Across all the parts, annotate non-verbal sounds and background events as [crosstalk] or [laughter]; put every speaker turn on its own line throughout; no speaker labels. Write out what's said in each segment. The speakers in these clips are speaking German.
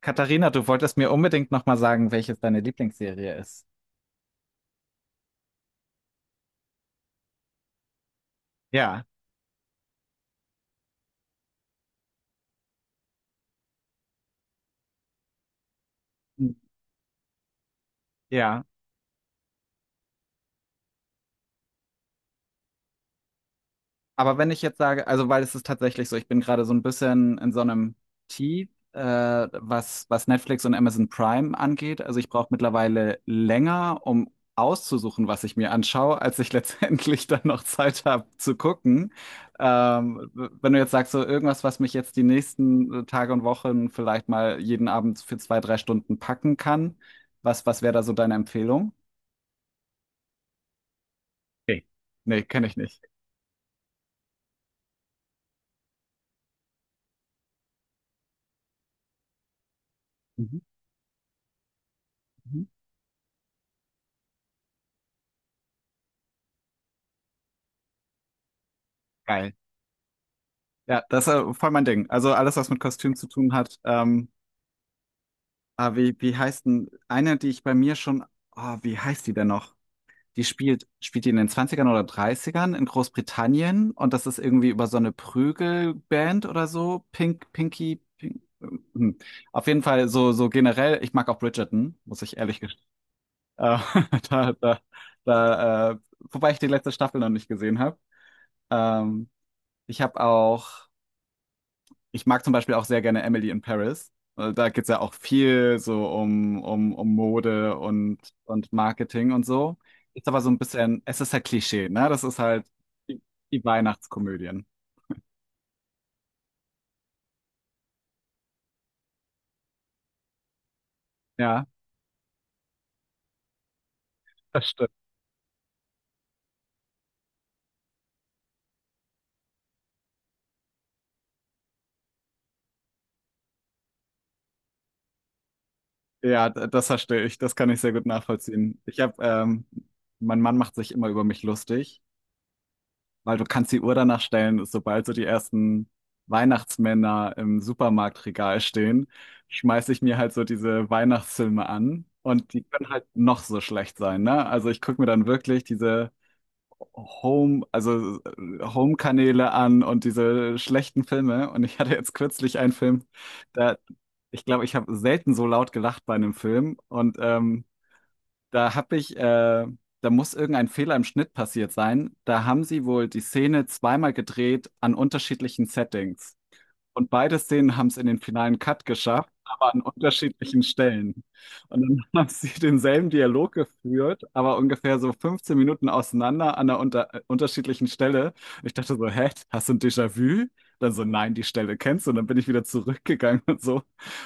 Katharina, du wolltest mir unbedingt nochmal sagen, welches deine Lieblingsserie ist. Ja, ja. Aber wenn ich jetzt sage, also weil es ist tatsächlich so, ich bin gerade so ein bisschen in so einem Tief, was, was Netflix und Amazon Prime angeht. Also ich brauche mittlerweile länger, um auszusuchen, was ich mir anschaue, als ich [laughs] letztendlich dann noch Zeit habe zu gucken. Wenn du jetzt sagst, so irgendwas, was mich jetzt die nächsten Tage und Wochen vielleicht mal jeden Abend für zwei, drei Stunden packen kann, was, was wäre da so deine Empfehlung? Okay. Nee, kenne ich nicht. Mhm. Mhm. Geil. Ja, das ist voll mein Ding. Also alles, was mit Kostüm zu tun hat. Wie, wie heißt denn eine, die ich bei mir schon, ah, wie heißt die denn noch? Spielt die in den Zwanzigern oder Dreißigern in Großbritannien und das ist irgendwie über so eine Prügelband oder so. Pink, Pinky, Pink. Hm. Auf jeden Fall so, so generell, ich mag auch Bridgerton, muss ich ehrlich gestehen. Äh, [laughs] da, da, wobei ich die letzte Staffel noch nicht gesehen habe. Ähm, ich habe auch. Ich mag zum Beispiel auch sehr gerne Emily in Paris. Da geht es ja auch viel so um Mode und Marketing und so. Ist aber so ein bisschen, es ist halt Klischee, ne? Das ist halt die, die Weihnachtskomödien. Ja, das stimmt. Ja, das verstehe ich. Das kann ich sehr gut nachvollziehen. Mein Mann macht sich immer über mich lustig. Weil du kannst die Uhr danach stellen, sobald so die ersten Weihnachtsmänner im Supermarktregal stehen, schmeiß ich mir halt so diese Weihnachtsfilme an. Und die können halt noch so schlecht sein, ne? Also ich gucke mir dann wirklich diese Home-Kanäle an und diese schlechten Filme. Und ich hatte jetzt kürzlich einen Film, da, ich glaube, ich habe selten so laut gelacht bei einem Film. Und da habe ich, äh, da muss irgendein Fehler im Schnitt passiert sein. Da haben sie wohl die Szene zweimal gedreht an unterschiedlichen Settings. Und beide Szenen haben es in den finalen Cut geschafft, aber an unterschiedlichen Stellen. Und dann [laughs] haben sie denselben Dialog geführt, aber ungefähr so 15 Minuten auseinander an einer unterschiedlichen Stelle. Und ich dachte so, hä, hast du ein Déjà-vu? Dann so, nein, die Stelle kennst du. Und dann bin ich wieder zurückgegangen und so.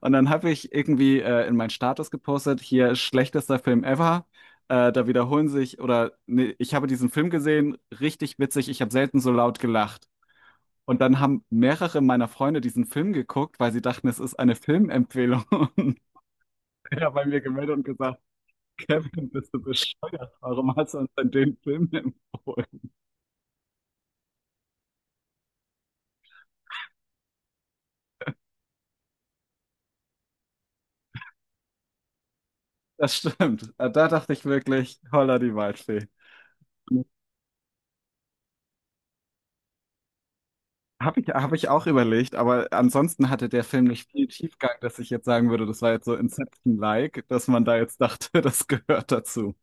Und dann habe ich irgendwie in meinen Status gepostet, hier schlechtester Film ever. Da wiederholen sich, oder nee, ich habe diesen Film gesehen, richtig witzig, ich habe selten so laut gelacht. Und dann haben mehrere meiner Freunde diesen Film geguckt, weil sie dachten, es ist eine Filmempfehlung. [laughs] Und der hat bei mir gemeldet und gesagt, Kevin, bist du bescheuert? Warum hast du uns denn den Film empfohlen? Das stimmt. Da dachte ich wirklich, holla die Waldfee. Hab ich auch überlegt, aber ansonsten hatte der Film nicht viel Tiefgang, dass ich jetzt sagen würde, das war jetzt so Inception-like, dass man da jetzt dachte, [laughs] das gehört dazu.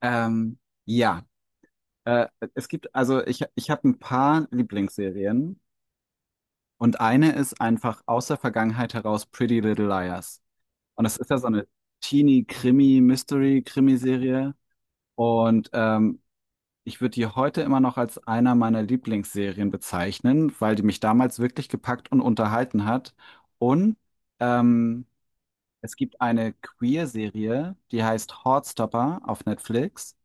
Ähm, ja, äh, es gibt, ich habe ein paar Lieblingsserien. Und eine ist einfach aus der Vergangenheit heraus Pretty Little Liars. Und das ist ja so eine Teenie-Krimi-Mystery-Krimiserie. Und ich würde die heute immer noch als einer meiner Lieblingsserien bezeichnen, weil die mich damals wirklich gepackt und unterhalten hat. Und ähm, es gibt eine Queer-Serie, die heißt Heartstopper auf Netflix.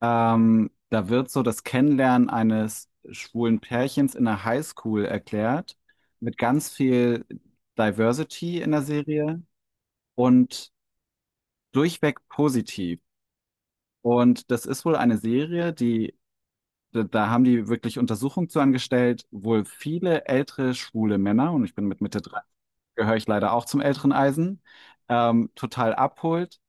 Da wird so das Kennenlernen eines schwulen Pärchens in der Highschool erklärt, mit ganz viel Diversity in der Serie und durchweg positiv. Und das ist wohl eine Serie, die da haben die wirklich Untersuchungen zu angestellt, wohl viele ältere schwule Männer, und ich bin mit Mitte 30, gehöre ich leider auch zum älteren Eisen, total abholt,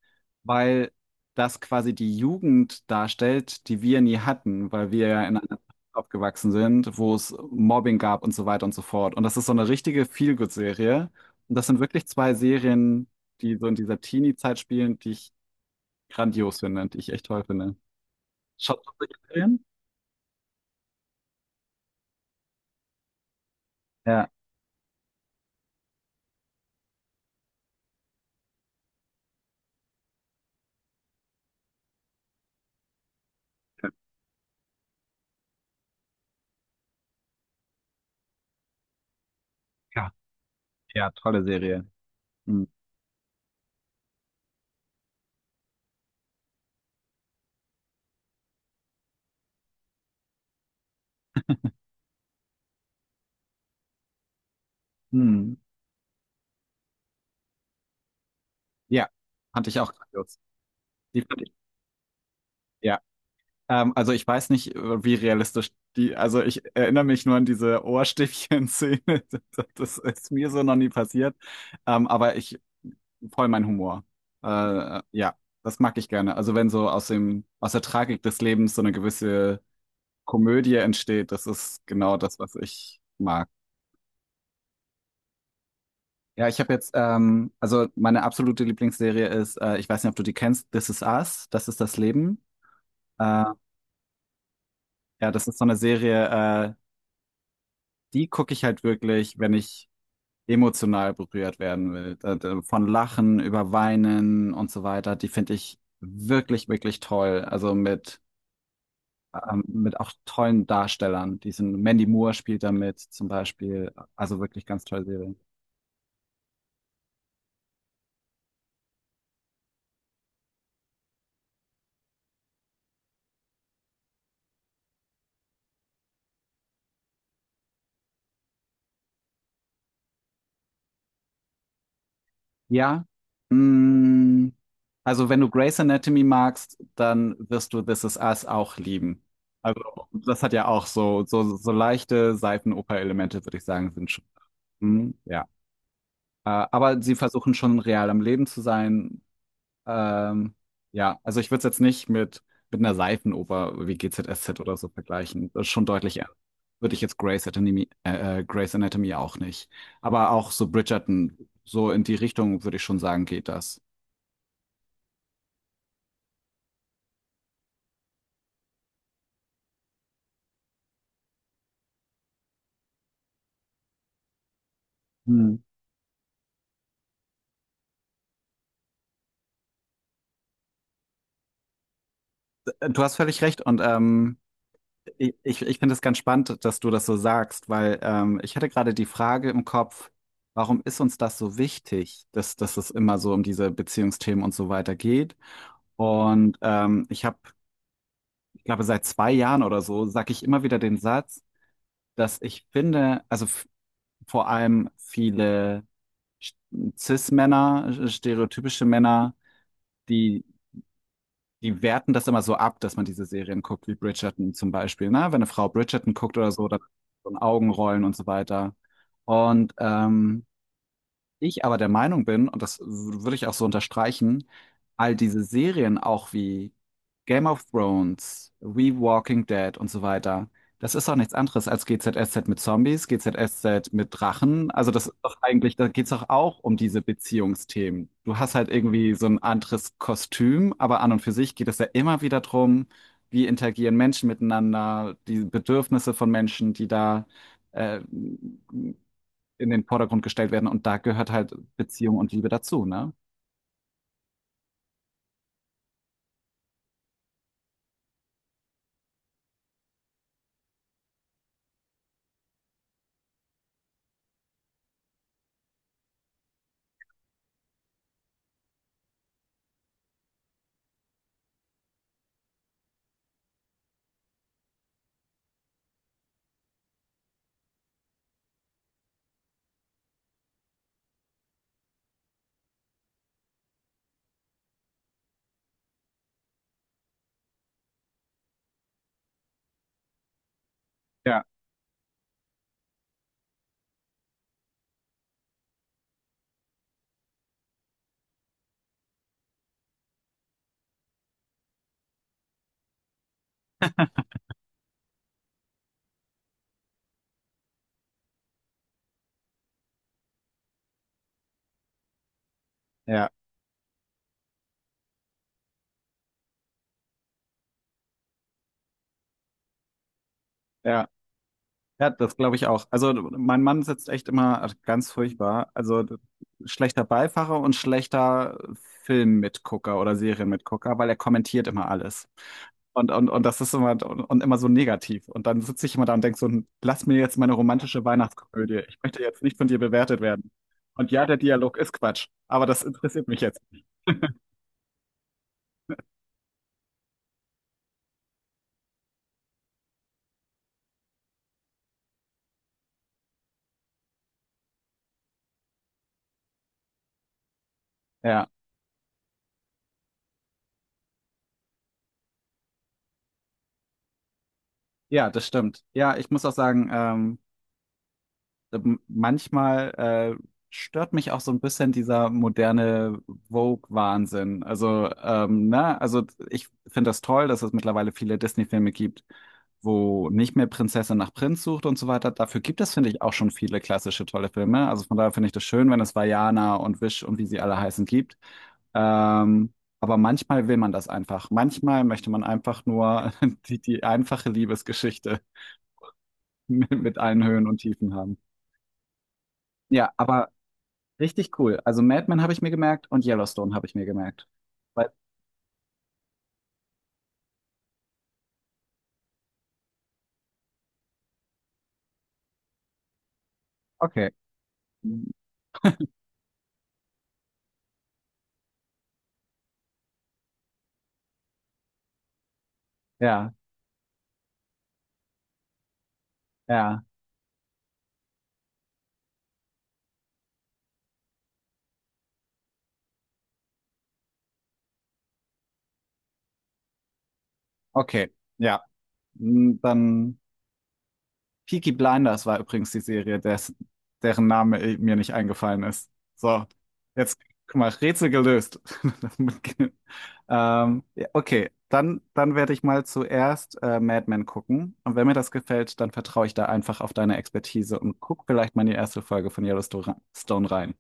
weil das quasi die Jugend darstellt, die wir nie hatten, weil wir ja in einer Zeit aufgewachsen sind, wo es Mobbing gab und so weiter und so fort. Und das ist so eine richtige Feel-Good-Serie. Und das sind wirklich zwei Serien, die so in dieser Teenie-Zeit spielen, die ich grandios finde und die ich echt toll finde. Schaut ihr solche Serien? Ja. Ja, tolle Serie. Mhm. Mhm. Ja, fand ich auch grandios. Die fand ich, ja. Also ich weiß nicht, wie realistisch die, also ich erinnere mich nur an diese Ohrstäbchen-Szene. [laughs] Das, das ist mir so noch nie passiert. Ähm, aber ich, voll mein Humor. Ja, das mag ich gerne. Also wenn so aus dem, aus der Tragik des Lebens so eine gewisse Komödie entsteht, das ist genau das, was ich mag. Ja, ich habe jetzt, also meine absolute Lieblingsserie ist, ich weiß nicht, ob du die kennst, This Is Us, das ist das Leben. Äh, ja, das ist so eine Serie, äh, die gucke ich halt wirklich, wenn ich emotional berührt werden will. Von Lachen über Weinen und so weiter, die finde ich wirklich, wirklich toll. Also mit auch tollen Darstellern. Diesen Mandy Moore spielt da mit zum Beispiel. Also wirklich ganz tolle Serie. Ja. Mm, also wenn du Grey's Anatomy magst, dann wirst du This Is Us auch lieben. Also das hat ja auch so, so, so leichte Seifenoper-Elemente, würde ich sagen, sind schon. Mm, ja. Aber sie versuchen schon real am Leben zu sein. Ähm, ja, also ich würde es jetzt nicht mit, mit einer Seifenoper wie GZSZ oder so vergleichen. Das ist schon deutlich ernst. Würde ich jetzt Grey's Anatomy auch nicht. Aber auch so Bridgerton, so in die Richtung, würde ich schon sagen, geht das. Hm. Du hast völlig recht und ich finde es ganz spannend, dass du das so sagst, weil ich hatte gerade die Frage im Kopf, warum ist uns das so wichtig, dass es immer so um diese Beziehungsthemen und so weiter geht? Und ich glaube, seit zwei Jahren oder so sage ich immer wieder den Satz, dass ich finde, vor allem viele Sch- Cis-Männer, stereotypische Männer, die die werten das immer so ab, dass man diese Serien guckt, wie Bridgerton zum Beispiel. Ne? Wenn eine Frau Bridgerton guckt oder so, dann so ein Augenrollen und so weiter. Und ich aber der Meinung bin, und das würde ich auch so unterstreichen, all diese Serien auch wie Game of Thrones, We Walking Dead und so weiter, das ist doch nichts anderes als GZSZ mit Zombies, GZSZ mit Drachen. Also das ist doch eigentlich, da geht's doch auch um diese Beziehungsthemen. Du hast halt irgendwie so ein anderes Kostüm, aber an und für sich geht es ja immer wieder drum, wie interagieren Menschen miteinander, die Bedürfnisse von Menschen, die da äh, in den Vordergrund gestellt werden und da gehört halt Beziehung und Liebe dazu, ne? Ja, ja, ja. Ja, das glaube ich auch. Also mein Mann sitzt echt immer ganz furchtbar. Schlechter Beifahrer und schlechter Filmmitgucker oder Serienmitgucker, weil er kommentiert immer alles. Und, und das ist immer und immer so negativ. Und dann sitze ich immer da und denke so, "Hm, lass mir jetzt meine romantische Weihnachtskomödie. Ich möchte jetzt nicht von dir bewertet werden. Und ja, der Dialog ist Quatsch, aber das interessiert mich jetzt." Ja, ja, das stimmt. Ja, ich muss auch sagen, manchmal stört mich auch so ein bisschen dieser moderne Vogue-Wahnsinn. Also, ne, also ich finde das toll, dass es mittlerweile viele Disney-Filme gibt, wo nicht mehr Prinzessin nach Prinz sucht und so weiter. Dafür gibt es, finde ich, auch schon viele klassische tolle Filme. Also von daher finde ich das schön, wenn es Vajana und Wish und wie sie alle heißen gibt. Ähm, aber manchmal will man das einfach. Manchmal möchte man einfach nur [laughs] die einfache Liebesgeschichte [laughs] mit allen Höhen und Tiefen haben. Ja, aber richtig cool. Also Mad Men habe ich mir gemerkt und Yellowstone habe ich mir gemerkt. Weil- Okay. Ja, ja, okay. Ja. Mm, dann Peaky Blinders war übrigens die Serie, des, deren Name mir nicht eingefallen ist. So, jetzt, guck mal, Rätsel gelöst. [laughs] Das mit- ja, okay, dann werde ich mal zuerst Mad Men gucken. Und wenn mir das gefällt, dann vertraue ich da einfach auf deine Expertise und guck vielleicht mal in die erste Folge von Yellowstone rein.